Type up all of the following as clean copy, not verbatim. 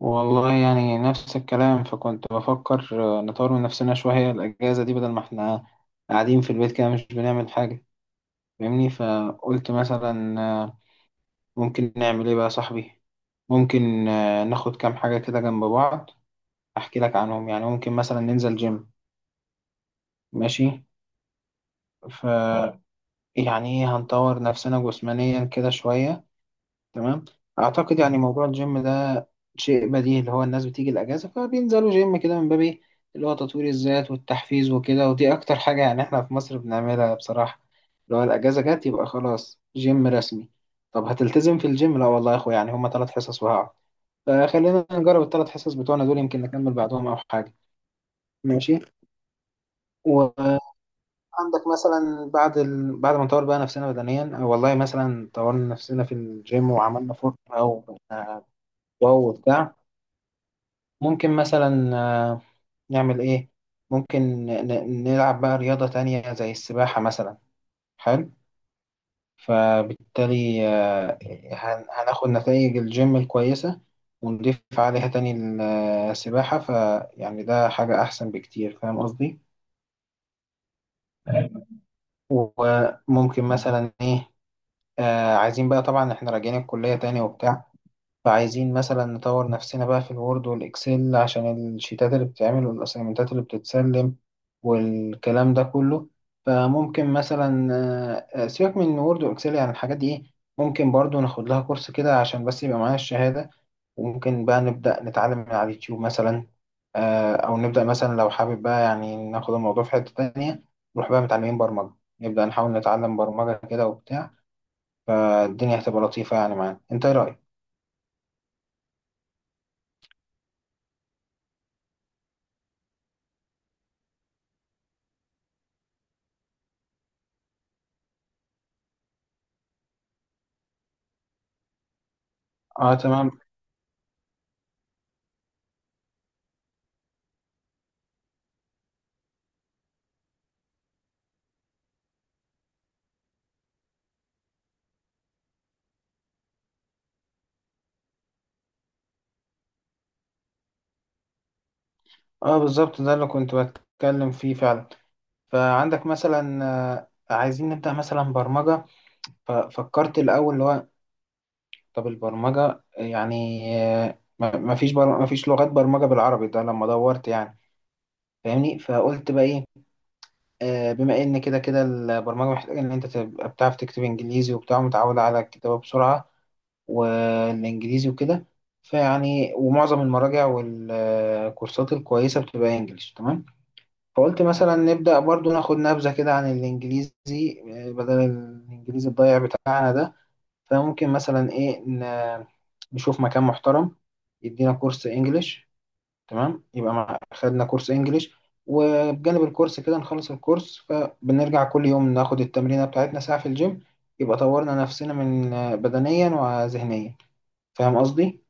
والله يعني نفس الكلام فكنت بفكر، نطور من نفسنا شوية الأجازة دي بدل ما احنا قاعدين في البيت كده مش بنعمل حاجة. فاهمني، فقلت مثلا ممكن نعمل ايه بقى يا صاحبي؟ ممكن ناخد كام حاجة كده جنب بعض، أحكي لك عنهم. يعني ممكن مثلا ننزل جيم. ماشي. ف يعني إيه، هنطور نفسنا جسمانيا كده شوية. تمام. اعتقد يعني موضوع الجيم ده شيء بديهي، اللي هو الناس بتيجي الاجازه فبينزلوا جيم كده من باب ايه، اللي هو تطوير الذات والتحفيز وكده، ودي اكتر حاجه يعني احنا في مصر بنعملها بصراحه، اللي هو الاجازه جت يبقى خلاص جيم رسمي. طب هتلتزم في الجيم؟ لا والله يا اخويا، يعني هما 3 حصص وهقعد، فخلينا نجرب الثلاث حصص بتوعنا دول، يمكن نكمل بعدهم او حاجه. ماشي. وعندك مثلا بعد ما نطور بقى نفسنا بدنيا، أو والله مثلا طورنا نفسنا في الجيم وعملنا فورمه او بقينا واو وبتاع. ممكن مثلا نعمل إيه؟ ممكن نلعب بقى رياضة تانية زي السباحة مثلا. حلو. فبالتالي هناخد نتائج الجيم الكويسة، ونضيف عليها تاني السباحة. فيعني ده حاجة أحسن بكتير. فاهم قصدي؟ وممكن مثلا إيه، عايزين بقى طبعا إحنا راجعين الكلية تاني وبتاع. فعايزين مثلا نطور نفسنا بقى في الوورد والإكسل عشان الشيتات اللي بتتعمل والأسايمنتات اللي بتتسلم والكلام ده كله. فممكن مثلا سيبك من وورد وإكسل، يعني الحاجات دي إيه. ممكن برضو ناخد لها كورس كده عشان بس يبقى معانا الشهادة. وممكن بقى نبدأ نتعلم من على اليوتيوب مثلا، أو نبدأ مثلا لو حابب بقى يعني ناخد الموضوع في حتة تانية، نروح بقى متعلمين برمجة، نبدأ نحاول نتعلم برمجة كده وبتاع. فالدنيا هتبقى لطيفة يعني معانا. أنت إيه رأيك؟ اه تمام. اه بالظبط، ده اللي كنت بتكلم فيه فعلا. فعندك مثلا عايزين نبدأ مثلا برمجة، ففكرت الأول اللي هو، طب البرمجة يعني ما فيش لغات برمجة بالعربي ده لما دورت يعني. فاهمني، فقلت بقى ايه، بما ان كده كده البرمجة محتاجة ان انت تبقى بتعرف تكتب انجليزي وبتاع، متعود على الكتابة بسرعة والانجليزي وكده. فيعني ومعظم المراجع والكورسات الكويسة بتبقى انجليش. تمام، فقلت مثلا نبدأ برضو ناخد نبذة كده عن الإنجليزي، بدل الإنجليزي الضايع بتاعنا ده. فممكن مثلا إيه، نشوف مكان محترم يدينا كورس إنجليش. تمام، يبقى خدنا كورس إنجليش، وبجانب الكورس كده نخلص الكورس، فبنرجع كل يوم ناخد التمرينة بتاعتنا ساعة في الجيم. يبقى طورنا نفسنا من بدنيا وذهنيا. فاهم قصدي؟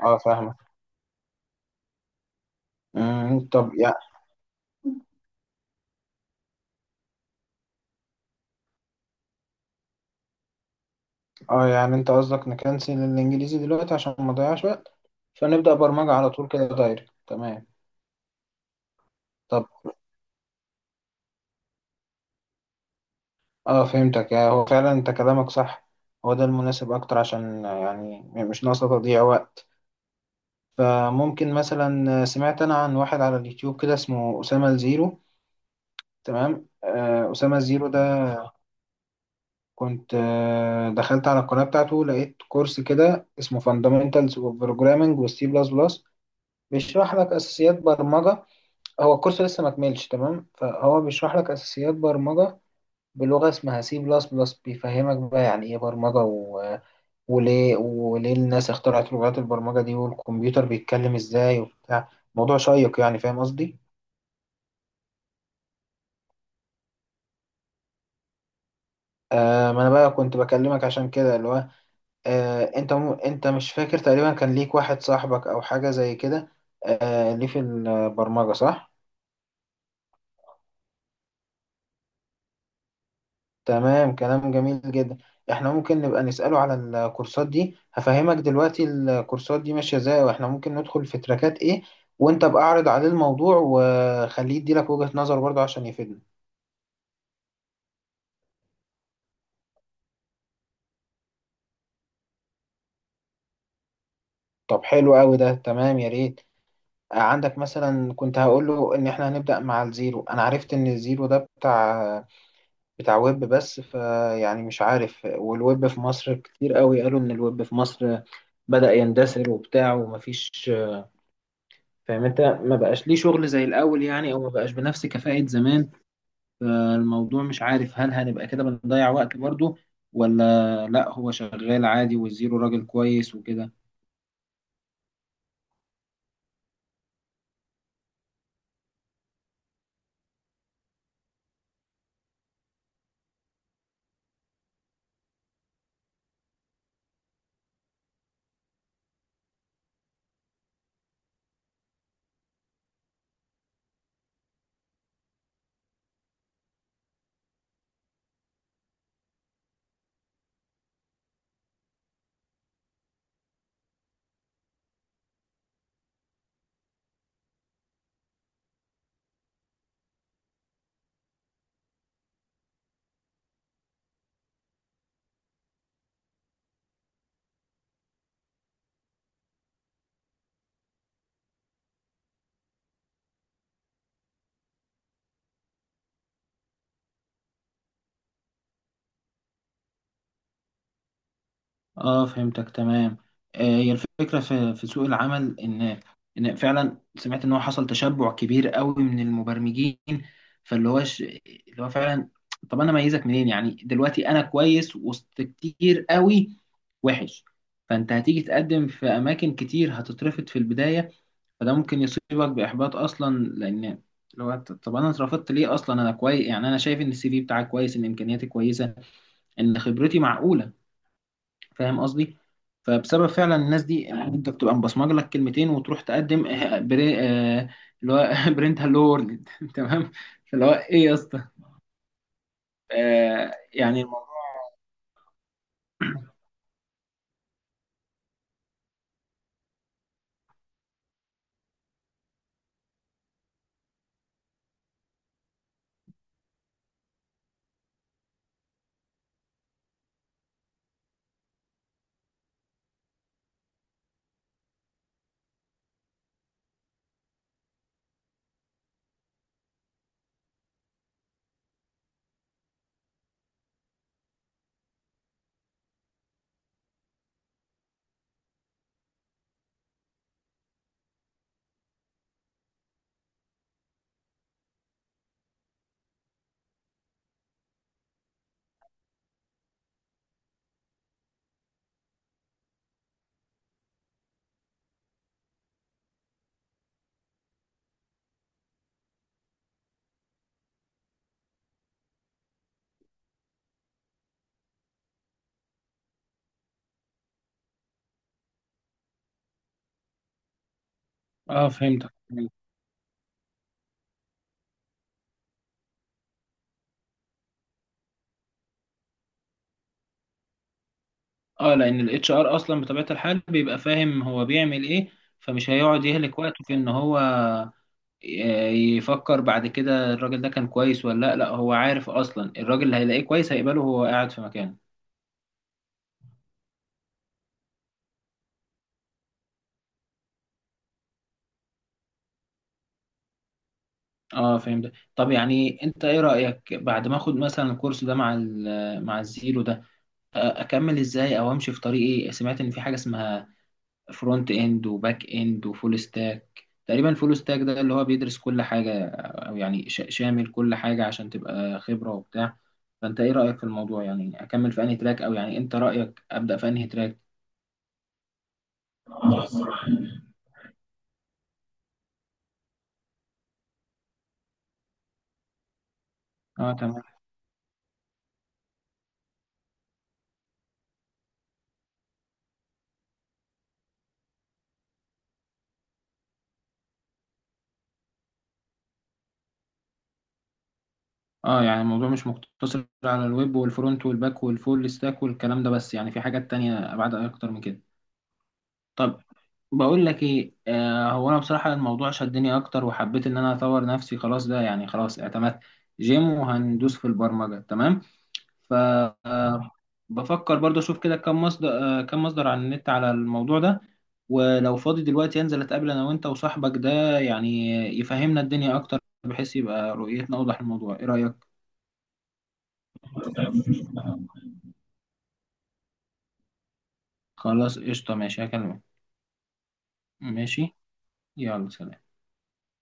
اه فاهمك. مم، طب. اه، يعني انت قصدك نكنسل الانجليزي دلوقتي عشان ما نضيعش وقت، فنبدأ برمجة على طول كده دايركت؟ تمام. طب، اه فهمتك. هو فعلا انت كلامك صح، هو ده المناسب اكتر، عشان يعني مش ناقصة تضييع وقت. فممكن مثلا سمعت انا عن واحد على اليوتيوب كده اسمه أسامة الزيرو. تمام. أسامة الزيرو ده كنت دخلت على القناة بتاعته، لقيت كورس كده اسمه Fundamentals of Programming وال C++، بيشرح لك أساسيات برمجة. هو الكورس لسه ما كملش. تمام، فهو بيشرح لك اساسيات برمجه بلغه اسمها سي بلس بلس، بيفهمك بقى يعني ايه برمجه وليه الناس اخترعت لغات البرمجه دي، والكمبيوتر بيتكلم ازاي وبتاع. موضوع شيق يعني. فاهم قصدي؟ ما انا بقى كنت بكلمك عشان كده، اللي هو، انت مش فاكر تقريبا كان ليك واحد صاحبك او حاجه زي كده، ليه في البرمجه، صح؟ تمام، كلام جميل جدا. احنا ممكن نبقى نسأله على الكورسات دي، هفهمك دلوقتي الكورسات دي ماشية ازاي واحنا ممكن ندخل في تراكات ايه، وانت بقى اعرض عليه الموضوع وخليه يديلك وجهة نظر برضه عشان يفيدنا. طب حلو قوي ده، تمام يا ريت. عندك مثلا كنت هقول له ان احنا هنبدأ مع الزيرو. انا عرفت ان الزيرو ده بتاع ويب بس، فيعني مش عارف، والويب في مصر كتير قوي، قالوا ان الويب في مصر بدأ يندثر وبتاع ومفيش. فاهم انت، ما بقاش ليه شغل زي الاول يعني، او ما بقاش بنفس كفاءة زمان. فالموضوع مش عارف، هل هنبقى كده بنضيع وقت برضه، ولا لا هو شغال عادي والزيرو راجل كويس وكده. اه فهمتك تمام. هي الفكرة في سوق العمل، ان فعلا سمعت ان هو حصل تشبع كبير قوي من المبرمجين. فاللي هو ش... اللي هو فعلا، طب انا اميزك منين يعني؟ دلوقتي انا كويس، وسط، كتير قوي، وحش. فانت هتيجي تقدم في اماكن كتير، هتترفض في البداية. فده ممكن يصيبك باحباط اصلا، لان طب انا اترفضت ليه اصلا؟ انا كويس يعني، انا شايف ان السي في بتاعك كويس، ان امكانياتي كويسة، ان خبرتي معقولة. فاهم قصدي؟ فبسبب فعلا الناس دي يعني، انت بتبقى مبصمج لك كلمتين وتروح تقدم، آه، بري آه، اللي هو برنت هالو وورلد تمام، فاللي هو ايه يا اسطى، يعني الموضوع. اه فهمتك. اه، لان الاتش ار اصلا بطبيعه الحال بيبقى فاهم هو بيعمل ايه، فمش هيقعد يهلك وقته في ان هو يفكر بعد كده الراجل ده كان كويس ولا لا. لا، هو عارف اصلا الراجل اللي هيلاقيه كويس هيقبله وهو قاعد في مكانه. اه فهمت. طب يعني انت ايه رأيك بعد ما اخد مثلا الكورس ده مع مع الزيرو ده؟ اكمل ازاي، او امشي في طريق ايه؟ سمعت ان في حاجة اسمها فرونت اند وباك اند وفول ستاك. تقريبا فول ستاك ده اللي هو بيدرس كل حاجة، او يعني شامل كل حاجة عشان تبقى خبرة وبتاع. فانت ايه رأيك في الموضوع يعني؟ اكمل في انهي تراك، او يعني انت رأيك ابدأ في انهي تراك؟ اه، اه، يعني الموضوع مش مقتصر على الويب والفرونت والباك والفول ستاك والكلام ده بس، يعني في حاجات تانية ابعد اكتر من كده. طب، بقول لك ايه، هو انا بصراحة الموضوع شدني اكتر، وحبيت ان انا اطور نفسي. خلاص ده يعني، خلاص اعتمدت جيم وهندوس في البرمجة. تمام. ف آه، بفكر برضه اشوف كده كم مصدر على النت على الموضوع ده. ولو فاضي دلوقتي انزل اتقابل انا وانت وصاحبك ده، يعني يفهمنا الدنيا اكتر، بحيث يبقى رؤيتنا اوضح الموضوع. ايه رأيك؟ خلاص قشطة، ماشي هكلمك. ماشي. يلا سلام.